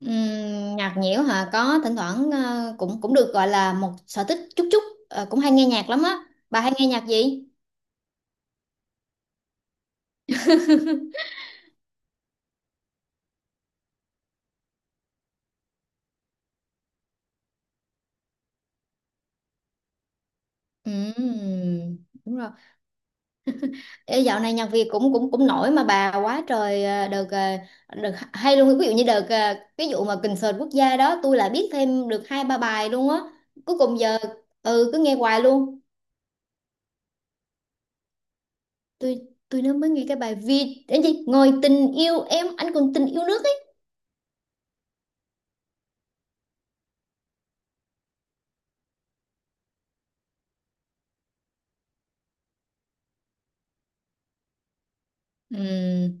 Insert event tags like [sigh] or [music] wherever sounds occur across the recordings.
Nhạc nhiễu hả, có thỉnh thoảng, ờ, cũng cũng được gọi là một sở thích chút chút. Cũng hay nghe nhạc lắm á. Bà hay nghe nhạc gì? [laughs] Ừm, đúng rồi. Ê, dạo này nhạc Việt cũng cũng cũng nổi mà bà, quá trời. Đợt hay luôn, ví dụ như cái vụ mà concert quốc gia đó, tôi lại biết thêm được hai ba bài luôn á. Cuối cùng giờ ừ cứ nghe hoài luôn. Tôi tôi nó mới nghe cái bài Vi đến gì ngồi tình yêu em anh còn tình yêu nước ấy. Ừ,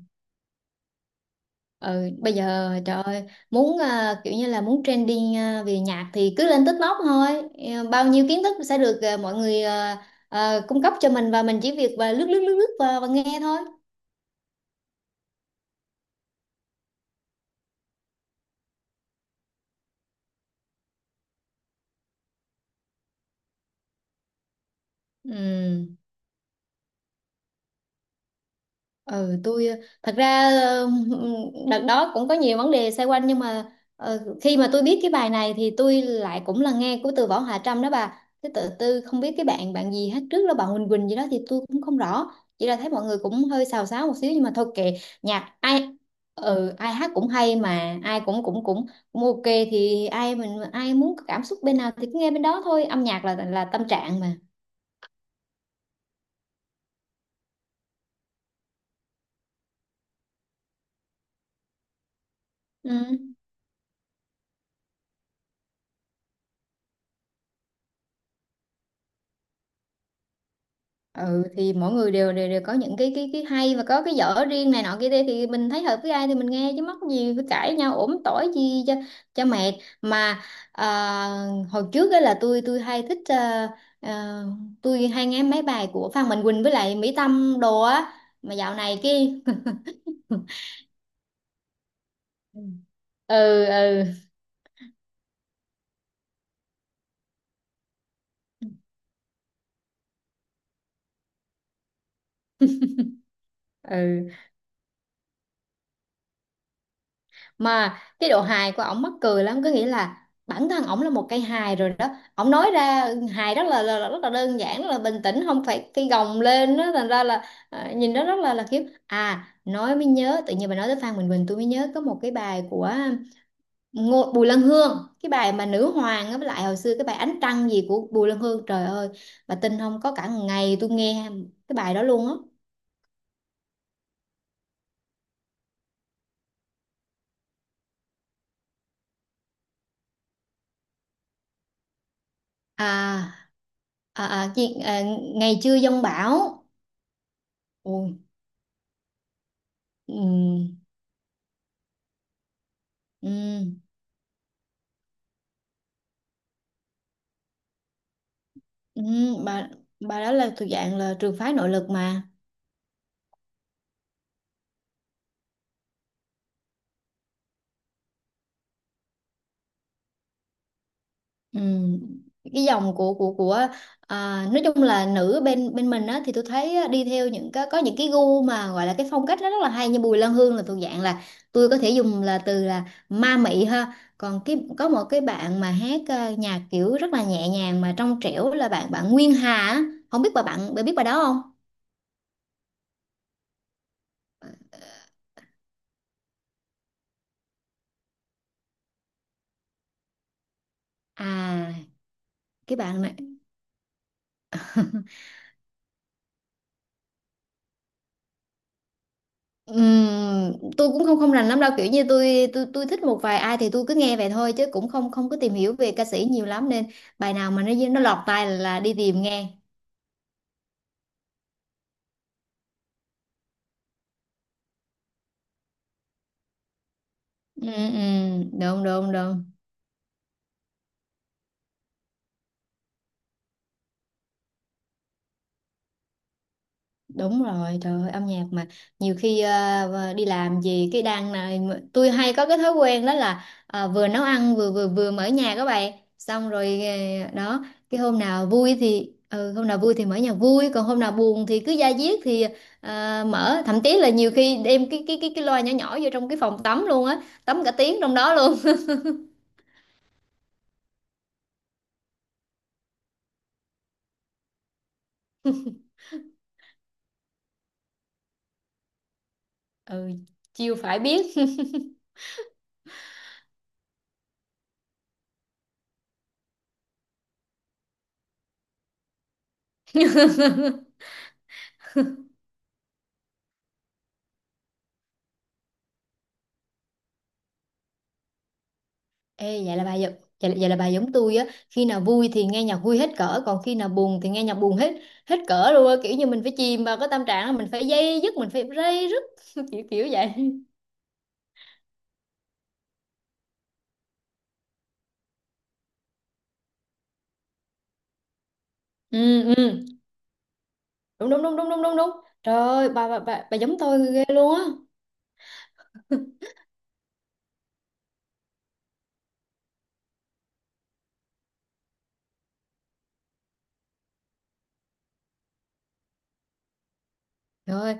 ừ, bây giờ trời ơi, muốn, kiểu như là muốn trending, về nhạc thì cứ lên TikTok thôi. Ờ, bao nhiêu kiến thức sẽ được, mọi người, cung cấp cho mình và mình chỉ việc và lướt lướt lướt lướt và nghe thôi. Ừ. Ừ, tôi, thật ra, đợt đó cũng có nhiều vấn đề xoay quanh nhưng mà khi mà tôi biết cái bài này thì tôi lại cũng là nghe của từ Võ Hạ Trâm đó bà, cái tự tư không biết cái bạn bạn gì hát trước là bạn Huỳnh Quỳnh gì đó thì tôi cũng không rõ. Chỉ là thấy mọi người cũng hơi xào xáo một xíu nhưng mà thôi kệ. Nhạc ai, ừ, ai hát cũng hay mà ai cũng cũng ok. Thì ai mình ai muốn cảm xúc bên nào thì cứ nghe bên đó thôi, âm nhạc là tâm trạng mà. Ừ. Ừ thì mỗi người đều đều, đều có những cái hay và có cái dở riêng này nọ kia kia, thì mình thấy hợp với ai thì mình nghe chứ mắc gì phải cãi nhau ổm tỏi chi cho mệt mà. À, hồi trước ấy là tôi hay thích, à, tôi hay nghe mấy bài của Phan Mạnh Quỳnh với lại Mỹ Tâm đồ á. Mà dạo này cái [laughs] ừ, ừ, ừ mà cái độ hài của ổng mắc cười lắm, có nghĩa là bản thân ổng là một cây hài rồi đó. Ổng nói ra hài rất là, rất là đơn giản, rất là bình tĩnh, không phải cái gồng lên đó, thành ra là nhìn nó rất là khiếp. Nói mới nhớ, tự nhiên bà nói tới Phan Bình Bình tôi mới nhớ có một cái bài của Ngô, Bùi Lan Hương, cái bài mà nữ hoàng á, với lại hồi xưa cái bài ánh trăng gì của Bùi Lan Hương trời ơi, bà tin không, có cả ngày tôi nghe cái bài đó luôn á. À, à, à, chuyện- à ngày chưa giông bão. Ồ, ừ, ừ, ừ, bà bà đó là thuộc dạng là trường phái nội lực mà. Ừ. Cái dòng của, nói chung là nữ bên bên mình á thì tôi thấy á, đi theo những cái có những cái gu mà gọi là cái phong cách nó rất là hay, như Bùi Lan Hương là thuộc dạng là tôi có thể dùng là từ là ma mị ha, còn cái có một cái bạn mà hát nhạc kiểu rất là nhẹ nhàng mà trong trẻo là bạn bạn Nguyên Hà á. Không biết bà bạn bà biết bà đó không? À cái bạn này. Tôi cũng không không rành lắm đâu, kiểu như tôi thích một vài ai thì tôi cứ nghe vậy thôi chứ cũng không không có tìm hiểu về ca sĩ nhiều lắm nên bài nào mà nó lọt tai là đi tìm nghe. Ừ, ừ, đúng, đúng, đúng. Đúng rồi, trời ơi, âm nhạc mà nhiều khi đi làm gì cái đang này, tôi hay có cái thói quen đó là vừa nấu ăn vừa vừa vừa mở nhạc các bạn. Xong rồi đó, cái hôm nào vui thì hôm nào vui thì mở nhạc vui, còn hôm nào buồn thì cứ da diết thì mở, thậm chí là nhiều khi đem cái loa nhỏ nhỏ vô trong cái phòng tắm luôn á, tắm cả tiếng trong đó luôn. [laughs] Ừ, chiêu phải biết. [laughs] Ê, vậy là bà giống tôi á, khi nào vui thì nghe nhạc vui hết cỡ còn khi nào buồn thì nghe nhạc buồn hết hết cỡ luôn á, kiểu như mình phải chìm vào cái tâm trạng, mình phải dây dứt, mình phải dây dứt. [laughs] kiểu kiểu vậy. Ừ, ừ, đúng, đúng, đúng, đúng, đúng, đúng, đúng. Trời ơi, bà giống tôi ghê luôn á. Trời ơi,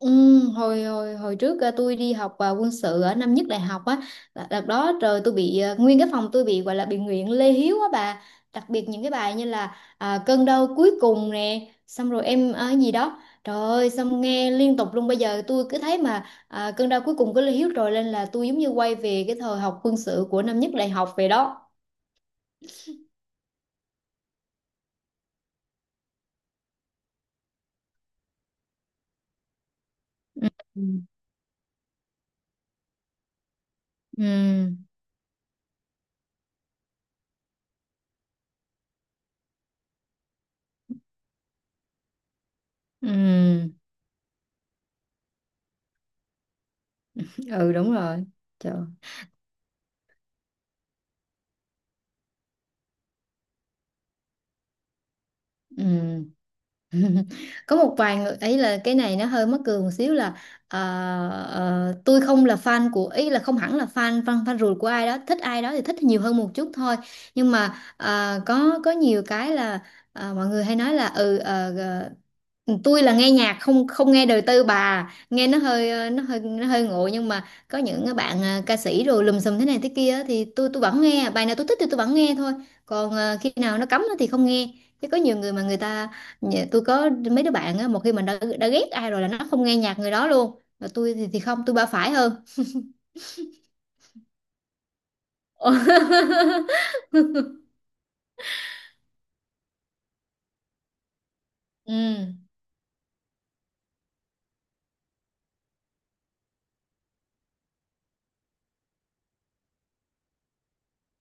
ừ, hồi hồi hồi trước tôi đi học quân sự ở năm nhất đại học á, đợt đó trời tôi bị nguyên cái phòng tôi bị gọi là bị nguyện Lê Hiếu á bà, đặc biệt những cái bài như là cơn đau cuối cùng nè xong rồi em gì đó trời ơi xong nghe liên tục luôn. Bây giờ tôi cứ thấy mà cơn đau cuối cùng của Lê Hiếu rồi lên là tôi giống như quay về cái thời học quân sự của năm nhất đại học về đó. Ừ, ừ, ừ, ừ, ừ, đúng rồi trời ừ. [laughs] Có một vài người ấy là cái này nó hơi mắc cười một xíu là ờ, tôi không là fan của ý là không hẳn là fan fan fan ruột của ai đó, thích ai đó thì thích nhiều hơn một chút thôi, nhưng mà có nhiều cái là mọi người hay nói là ừ ừ, tôi là nghe nhạc không không nghe đời tư bà, nghe nó hơi nó hơi ngộ, nhưng mà có những cái bạn ca sĩ rồi lùm xùm thế này thế kia á thì tôi vẫn nghe bài nào tôi thích thì tôi vẫn nghe thôi. Còn khi nào nó cấm á thì không nghe, chứ có nhiều người mà người ta tôi có mấy đứa bạn á, một khi mà đã ghét ai rồi là nó không nghe nhạc người đó luôn, mà tôi thì không, tôi ba phải hơn. [laughs] Ừ,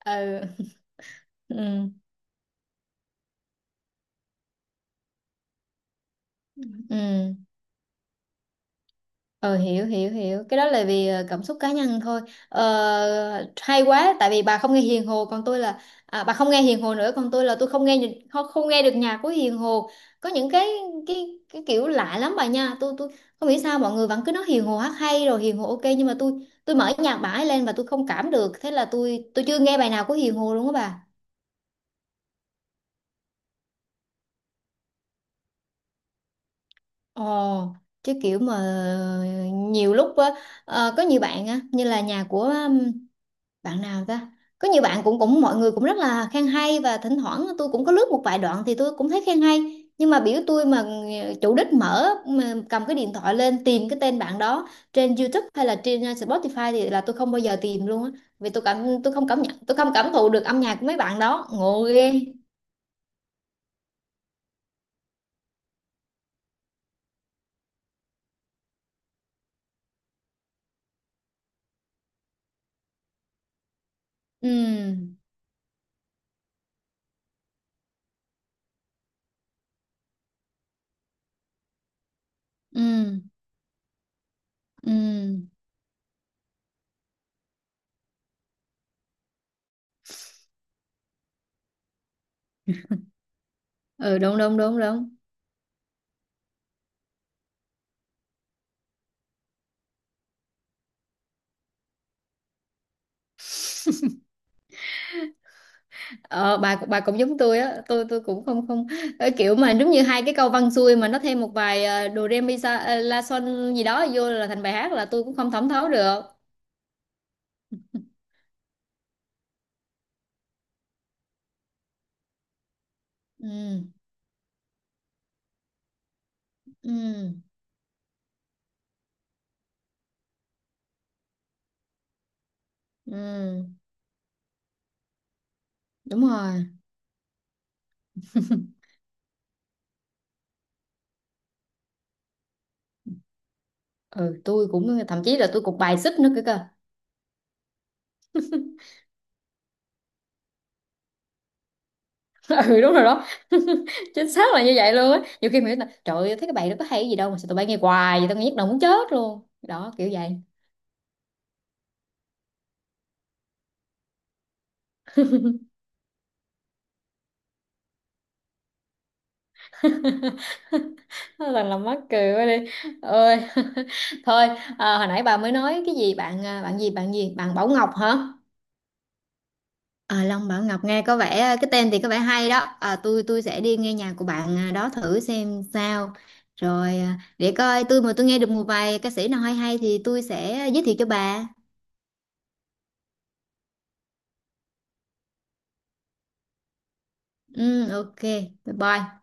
ừ, ừ, ừ. Ờ hiểu hiểu hiểu cái đó là vì cảm xúc cá nhân thôi. Ờ, hay quá, tại vì bà không nghe Hiền Hồ còn tôi là, bà không nghe Hiền Hồ nữa, còn tôi là tôi không nghe không, không nghe được nhạc của Hiền Hồ. Có những cái kiểu lạ lắm bà nha, tôi không hiểu sao mọi người vẫn cứ nói Hiền Hồ hát hay rồi Hiền Hồ ok, nhưng mà tôi mở nhạc bà ấy lên và tôi không cảm được, thế là tôi chưa nghe bài nào của Hiền Hồ luôn á bà. Ồ, chứ kiểu mà nhiều lúc á, có nhiều bạn á như là nhà của bạn nào ta, có nhiều bạn cũng cũng mọi người cũng rất là khen hay, và thỉnh thoảng tôi cũng có lướt một vài đoạn thì tôi cũng thấy khen hay, nhưng mà biểu tôi mà chủ đích mở mà cầm cái điện thoại lên tìm cái tên bạn đó trên YouTube hay là trên Spotify thì là tôi không bao giờ tìm luôn á. Vì tôi cảm, tôi không cảm nhận, tôi không cảm thụ được âm nhạc của mấy bạn đó ngộ ghê. Ừ, ừ, ừ, ừ, đúng, đúng, đúng, đúng. Bà cũng giống tôi á, tôi cũng không không, kiểu mà giống như hai cái câu văn xuôi mà nó thêm một vài do re mi sa la son gì đó vô là thành bài hát là tôi cũng không thẩm thấu được. Ừ, ừ, ừ, đúng rồi. [laughs] Ừ, tôi cũng thậm chí là tôi cũng bài xích nữa cơ cơ. [laughs] Ừ, đúng rồi đó. [laughs] Chính xác là như vậy luôn á, nhiều khi mình nghĩ là trời ơi thấy cái bài đó có hay gì đâu mà sao tụi bay nghe hoài vậy, tao nghe nhức đầu muốn chết luôn đó, kiểu vậy. [laughs] Thật là mắc cười quá đi ơi. [laughs] Thôi, hồi nãy bà mới nói cái gì bạn, bạn gì bạn Bảo Ngọc hả? Long Bảo Ngọc nghe có vẻ, cái tên thì có vẻ hay đó, tôi sẽ đi nghe nhạc của bạn, đó thử xem sao. Rồi, để coi tôi mà tôi nghe được một vài ca sĩ nào hay hay thì tôi sẽ, giới thiệu cho bà. Ừ, ok. Bye bye.